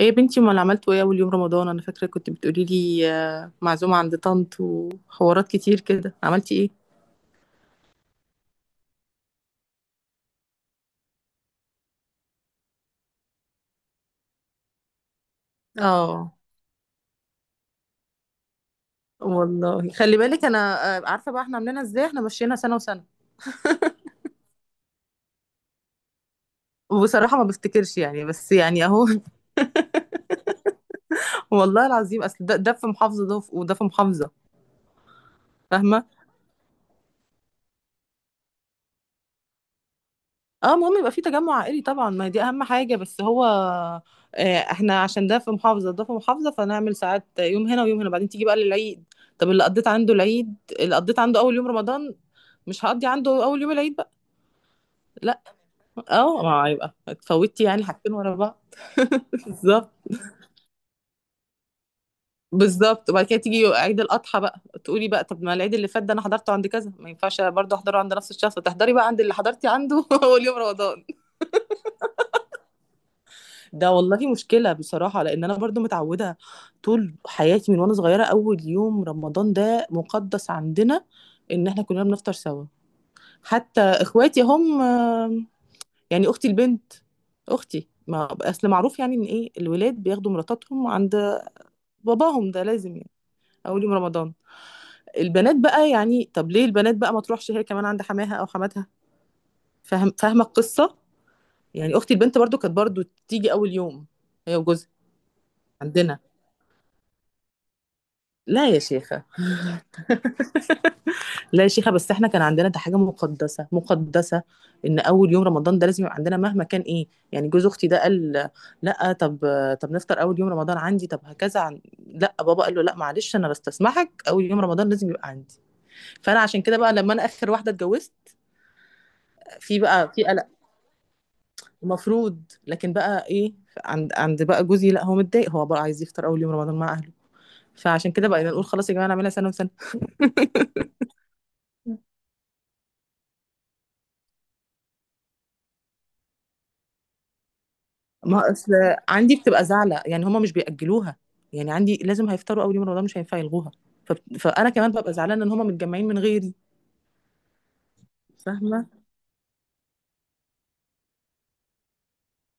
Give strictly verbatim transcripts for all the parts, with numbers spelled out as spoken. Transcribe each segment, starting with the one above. ايه يا بنتي، امال عملتوا ايه اول يوم رمضان؟ انا فاكره كنت بتقولي لي آه، معزومه عند طنط وحوارات كتير كده. عملتي ايه؟ اه، والله خلي بالك انا. آه، عارفه بقى احنا عاملينها ازاي، احنا مشينا سنه وسنه. وبصراحه ما بفتكرش يعني، بس يعني اهو. والله العظيم، اصل ده, ده في محافظه، ده وف- وده في محافظه. فاهمه. اه، المهم يبقى في تجمع عائلي طبعا، ما دي اهم حاجه. بس هو آه، احنا عشان ده في محافظه ده في محافظه، فنعمل ساعات يوم هنا ويوم هنا. بعدين تيجي بقى للعيد. طب اللي قضيت عنده العيد، اللي قضيت عنده اول يوم رمضان، مش هقضي عنده اول يوم العيد بقى. لا، اه ما هيبقى اتفوتي يعني حاجتين ورا بعض. بالظبط. بالظبط، وبعد كده تيجي عيد الاضحى بقى، تقولي بقى طب ما العيد اللي فات ده انا حضرته عند كذا، ما ينفعش برضه احضره عند نفس الشخص. تحضري بقى عند اللي حضرتي عنده اول يوم رمضان. ده والله مشكلة بصراحة، لأن أنا برضو متعودة طول حياتي من وأنا صغيرة أول يوم رمضان ده مقدس عندنا، إن إحنا كلنا بنفطر سوا. حتى إخواتي هم آم، يعني أختي البنت، أختي ما أصل معروف يعني إن إيه الولاد بياخدوا مراتاتهم عند باباهم، ده لازم يعني أول يوم رمضان. البنات بقى يعني، طب ليه البنات بقى ما تروحش هي كمان عند حماها أو حماتها؟ فاهم، فاهمة القصة. يعني أختي البنت برضو كانت برضو تيجي أول يوم هي وجوزها عندنا. لا يا شيخة، لا يا شيخة، بس احنا كان عندنا ده حاجة مقدسة مقدسة، ان اول يوم رمضان ده لازم يبقى عندنا مهما كان ايه. يعني جوز اختي ده قال لا، طب طب نفطر اول يوم رمضان عندي، طب هكذا عن... لا، بابا قال له لا معلش، انا بستسمحك، اول يوم رمضان لازم يبقى عندي. فانا عشان كده بقى لما انا اخر واحدة اتجوزت، في بقى في قلق المفروض، لكن بقى ايه، عند عند بقى جوزي لا هو متضايق، هو بقى عايز يفطر اول يوم رمضان مع اهله. فعشان كده بقى نقول خلاص يا جماعة، نعملها سنة وسنة. ما اصل عندي بتبقى زعلة، يعني هما مش بيأجلوها. يعني عندي لازم هيفطروا أول يوم رمضان، مش هينفع يلغوها. ف... فأنا كمان ببقى زعلانة إن هما متجمعين من غيري. فاهمة،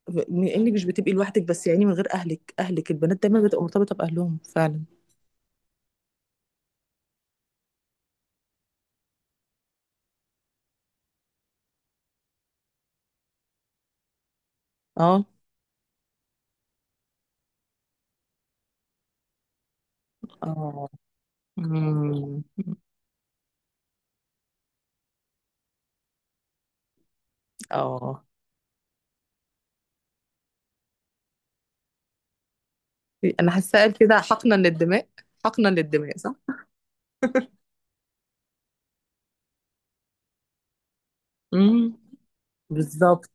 بما إنك مش بتبقي لوحدك، بس يعني من غير أهلك، أهلك البنات دايما بتبقى مرتبطة بأهلهم فعلا. اه، اه. أمم. اه، أنا حاسة كده حقنا للدماء. حقنا للدماء، صح؟ امم. بالظبط.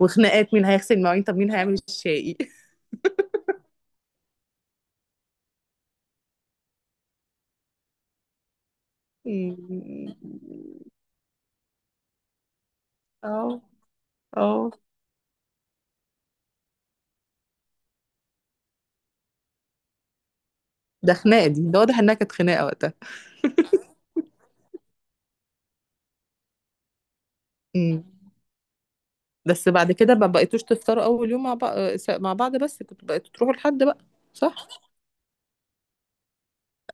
وخناقات مين هيغسل المواعين، طب مين هيعمل الشاي؟ أمم. اه، اه. ده خناقه دي، ده واضح انها كانت خناقه وقتها. امم. بس بعد كده ما بقيتوش تفطروا اول يوم مع بعض، مع بعض بس كنتوا بقيتوا تروحوا لحد بقى. صح.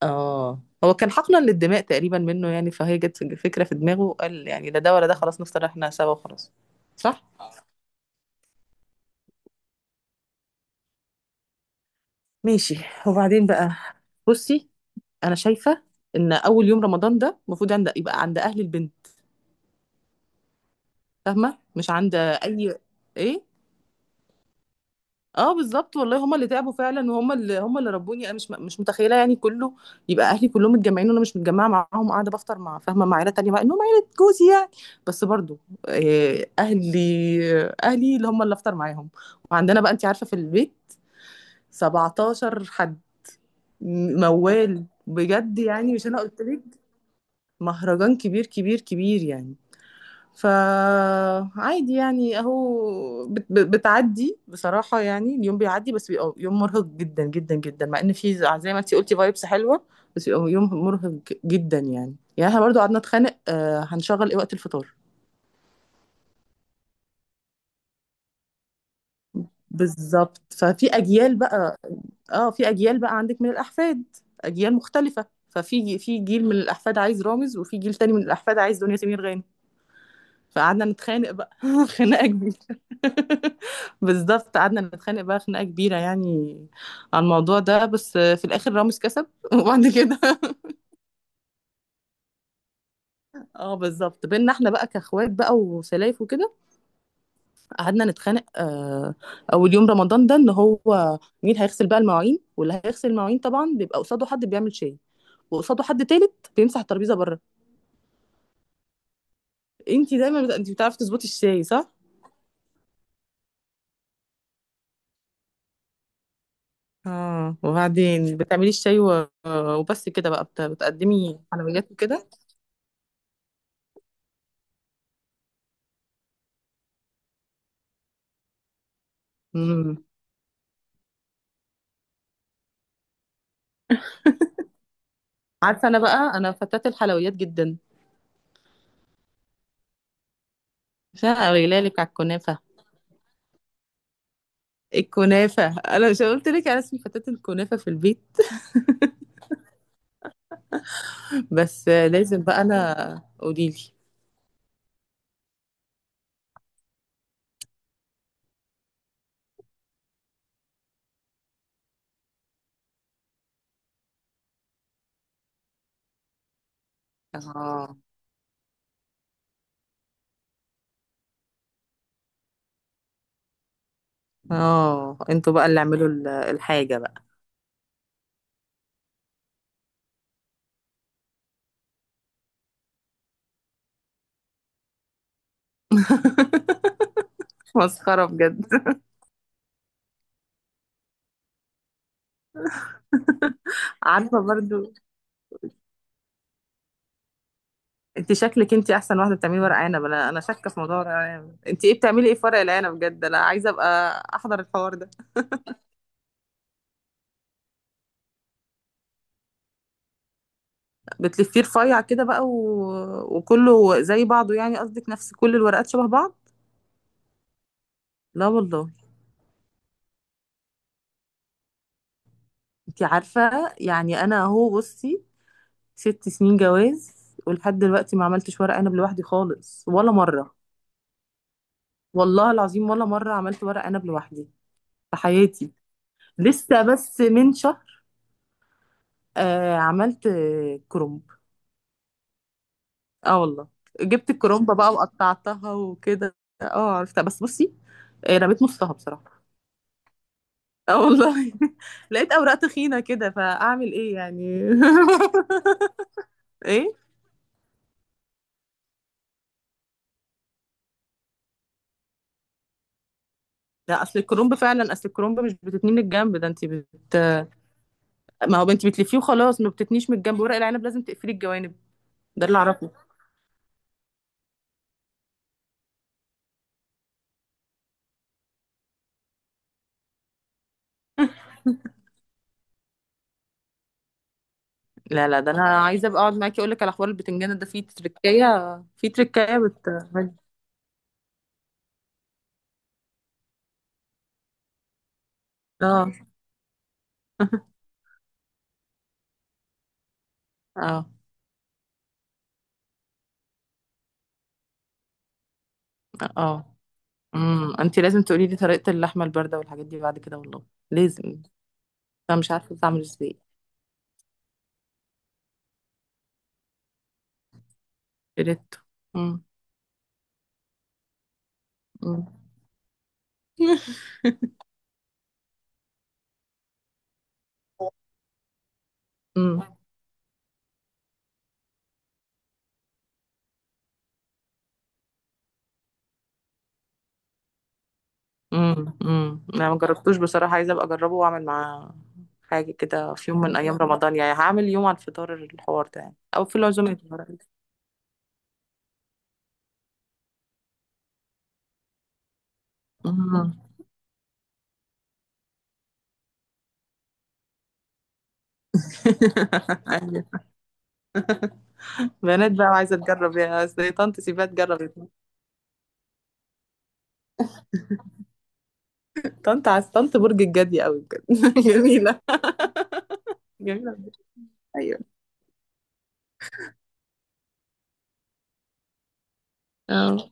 اه، هو كان حقنا للدماء تقريبا منه يعني، فهي جت فكره في دماغه قال يعني لا ده ولا ده، خلاص نفطر احنا سوا وخلاص. صح. ماشي. وبعدين بقى بصي، انا شايفه ان اول يوم رمضان ده المفروض عند، يبقى عند اهل البنت. فاهمه، مش عند اي. ايه. اه بالظبط والله، هما اللي تعبوا فعلا، وهما اللي هما اللي ربوني انا مش مش متخيله يعني كله يبقى اهلي كلهم متجمعين وانا مش متجمعه معاهم، قاعده بفطر مع، فاهمه، مع عيله تانية مع انهم عيله جوزي يعني. بس برضو آه، اهلي اهلي اللي هما اللي افطر معاهم. وعندنا بقى انت عارفه في البيت سبعتاشر حد، م- موال بجد يعني. مش انا قلت لك؟ مهرجان كبير كبير كبير يعني. فعادي يعني اهو، بت- ب- بتعدي بصراحة يعني، اليوم بيعدي بس بيبقى يوم مرهق جدا جدا جدا، مع ان في ز- زي ما انتي قلتي فايبس حلوة. بس بيبقى يوم مرهق جدا يعني يعني احنا برضو قعدنا نتخانق آه هنشغل ايه وقت الفطار. بالظبط. ففي اجيال بقى. اه، في اجيال بقى عندك من الاحفاد، اجيال مختلفة، ففي في جيل من الاحفاد عايز رامز، وفي جيل تاني من الاحفاد عايز دنيا سمير غانم. فقعدنا نتخانق بقى خناقة كبيرة. بالظبط، قعدنا نتخانق بقى خناقة كبيرة يعني على الموضوع ده، بس في الآخر رامز كسب. وبعد كده اه بالظبط بينا احنا بقى كاخوات بقى وسلايف وكده. قعدنا نتخانق آه اول يوم رمضان ده ان هو مين هيغسل بقى المواعين، واللي هيغسل المواعين طبعا بيبقى قصاده حد بيعمل شاي، وقصاده حد تالت بيمسح الترابيزه بره. انتي دايما بت... انتي بتعرفي تظبطي الشاي صح؟ اه، وبعدين بتعملي الشاي و... وبس كده بقى بت... بتقدمي حلويات وكده. امم. عارفه انا بقى انا فتاة الحلويات جدا. مش انا قايله لك على الكنافه؟ الكنافه، انا مش قلت لك انا اسمي فتاة الكنافه في البيت؟ بس لازم بقى انا قولي لي. اه، اه. انتوا بقى اللي اعملوا ال- الحاجه بقى. مسخره بجد. عارفه برضو. انت شكلك انت احسن واحده بتعملي ورق عنب، انا انا شاكه في موضوع ورق العنب. انت ايه بتعملي ايه في ورق العنب بجد؟ انا عايزه ابقى احضر الحوار ده. بتلفيه رفيع كده بقى و... وكله زي بعضه يعني، قصدك نفس كل الورقات شبه بعض. لا والله. انت عارفه يعني انا اهو بصي، ست سنين جواز ولحد دلوقتي ما عملتش ورق عنب لوحدي خالص ولا مره. والله العظيم ولا مره عملت ورق عنب لوحدي في حياتي. لسه بس من شهر آه عملت آه، كرنب. اه والله. جبت الكرومبة بقى وقطعتها وكده. اه عرفتها. بس بصي، آه، رميت نصها بصراحة. اه والله لقيت اوراق تخينة كده، فاعمل ايه يعني؟ ايه. لا اصل الكرومب فعلا، اصل الكرومب مش بتتني من الجنب، ده انت بت. ما هو انت بتلفيه وخلاص، ما بتتنيش من الجنب، ورق العنب لازم تقفلي الجوانب. ده اللي اعرفه. لا لا، ده انا عايزه ابقى اقعد معاكي اقول لك على حوار البتنجان ده، فيه تركايه، فيه تركايه بت. اه. اه، اه. امم. انت لازم تقولي لي طريقة اللحمة الباردة والحاجات دي بعد كده والله. لازم. انا مش عارفة بتعمل ازاي. بريتو. امم. امم. امم. امم. أمم. انا ما جربتوش بصراحة، عايزة ابقى اجربه واعمل معاه حاجة كده في يوم من ايام رمضان يعني، هعمل يوم على الفطار الحوار ده يعني، او في العزومة النهاردة. أمم. أيوة. بنات بقى عايزة تجرب، يا أصل طنط سيبها تجرب يا طنط. طنط، عايز طنط برج الجدي قوي بجد. جميلة. جميلة. أيوة. اه،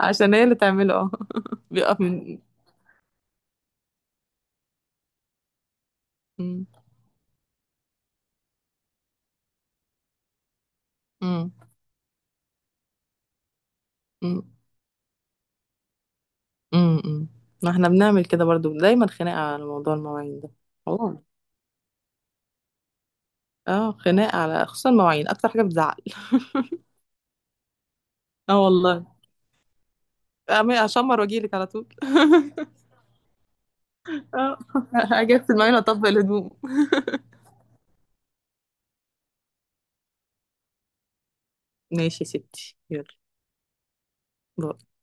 عشان هي اللي تعمله. اه، بيقف من. مم. مم. مم. مم. مم. ما احنا بنعمل كده برضو، دايما خناقة على موضوع المواعين ده. اه. اه، خناقة على خصوصا المواعين اكتر حاجة بتزعل. اه والله. أعمل- اشمر واجيلك على طول. اه، اجي في المواعين واطبق الهدوم. ماشي يا ستي، يلا. باي.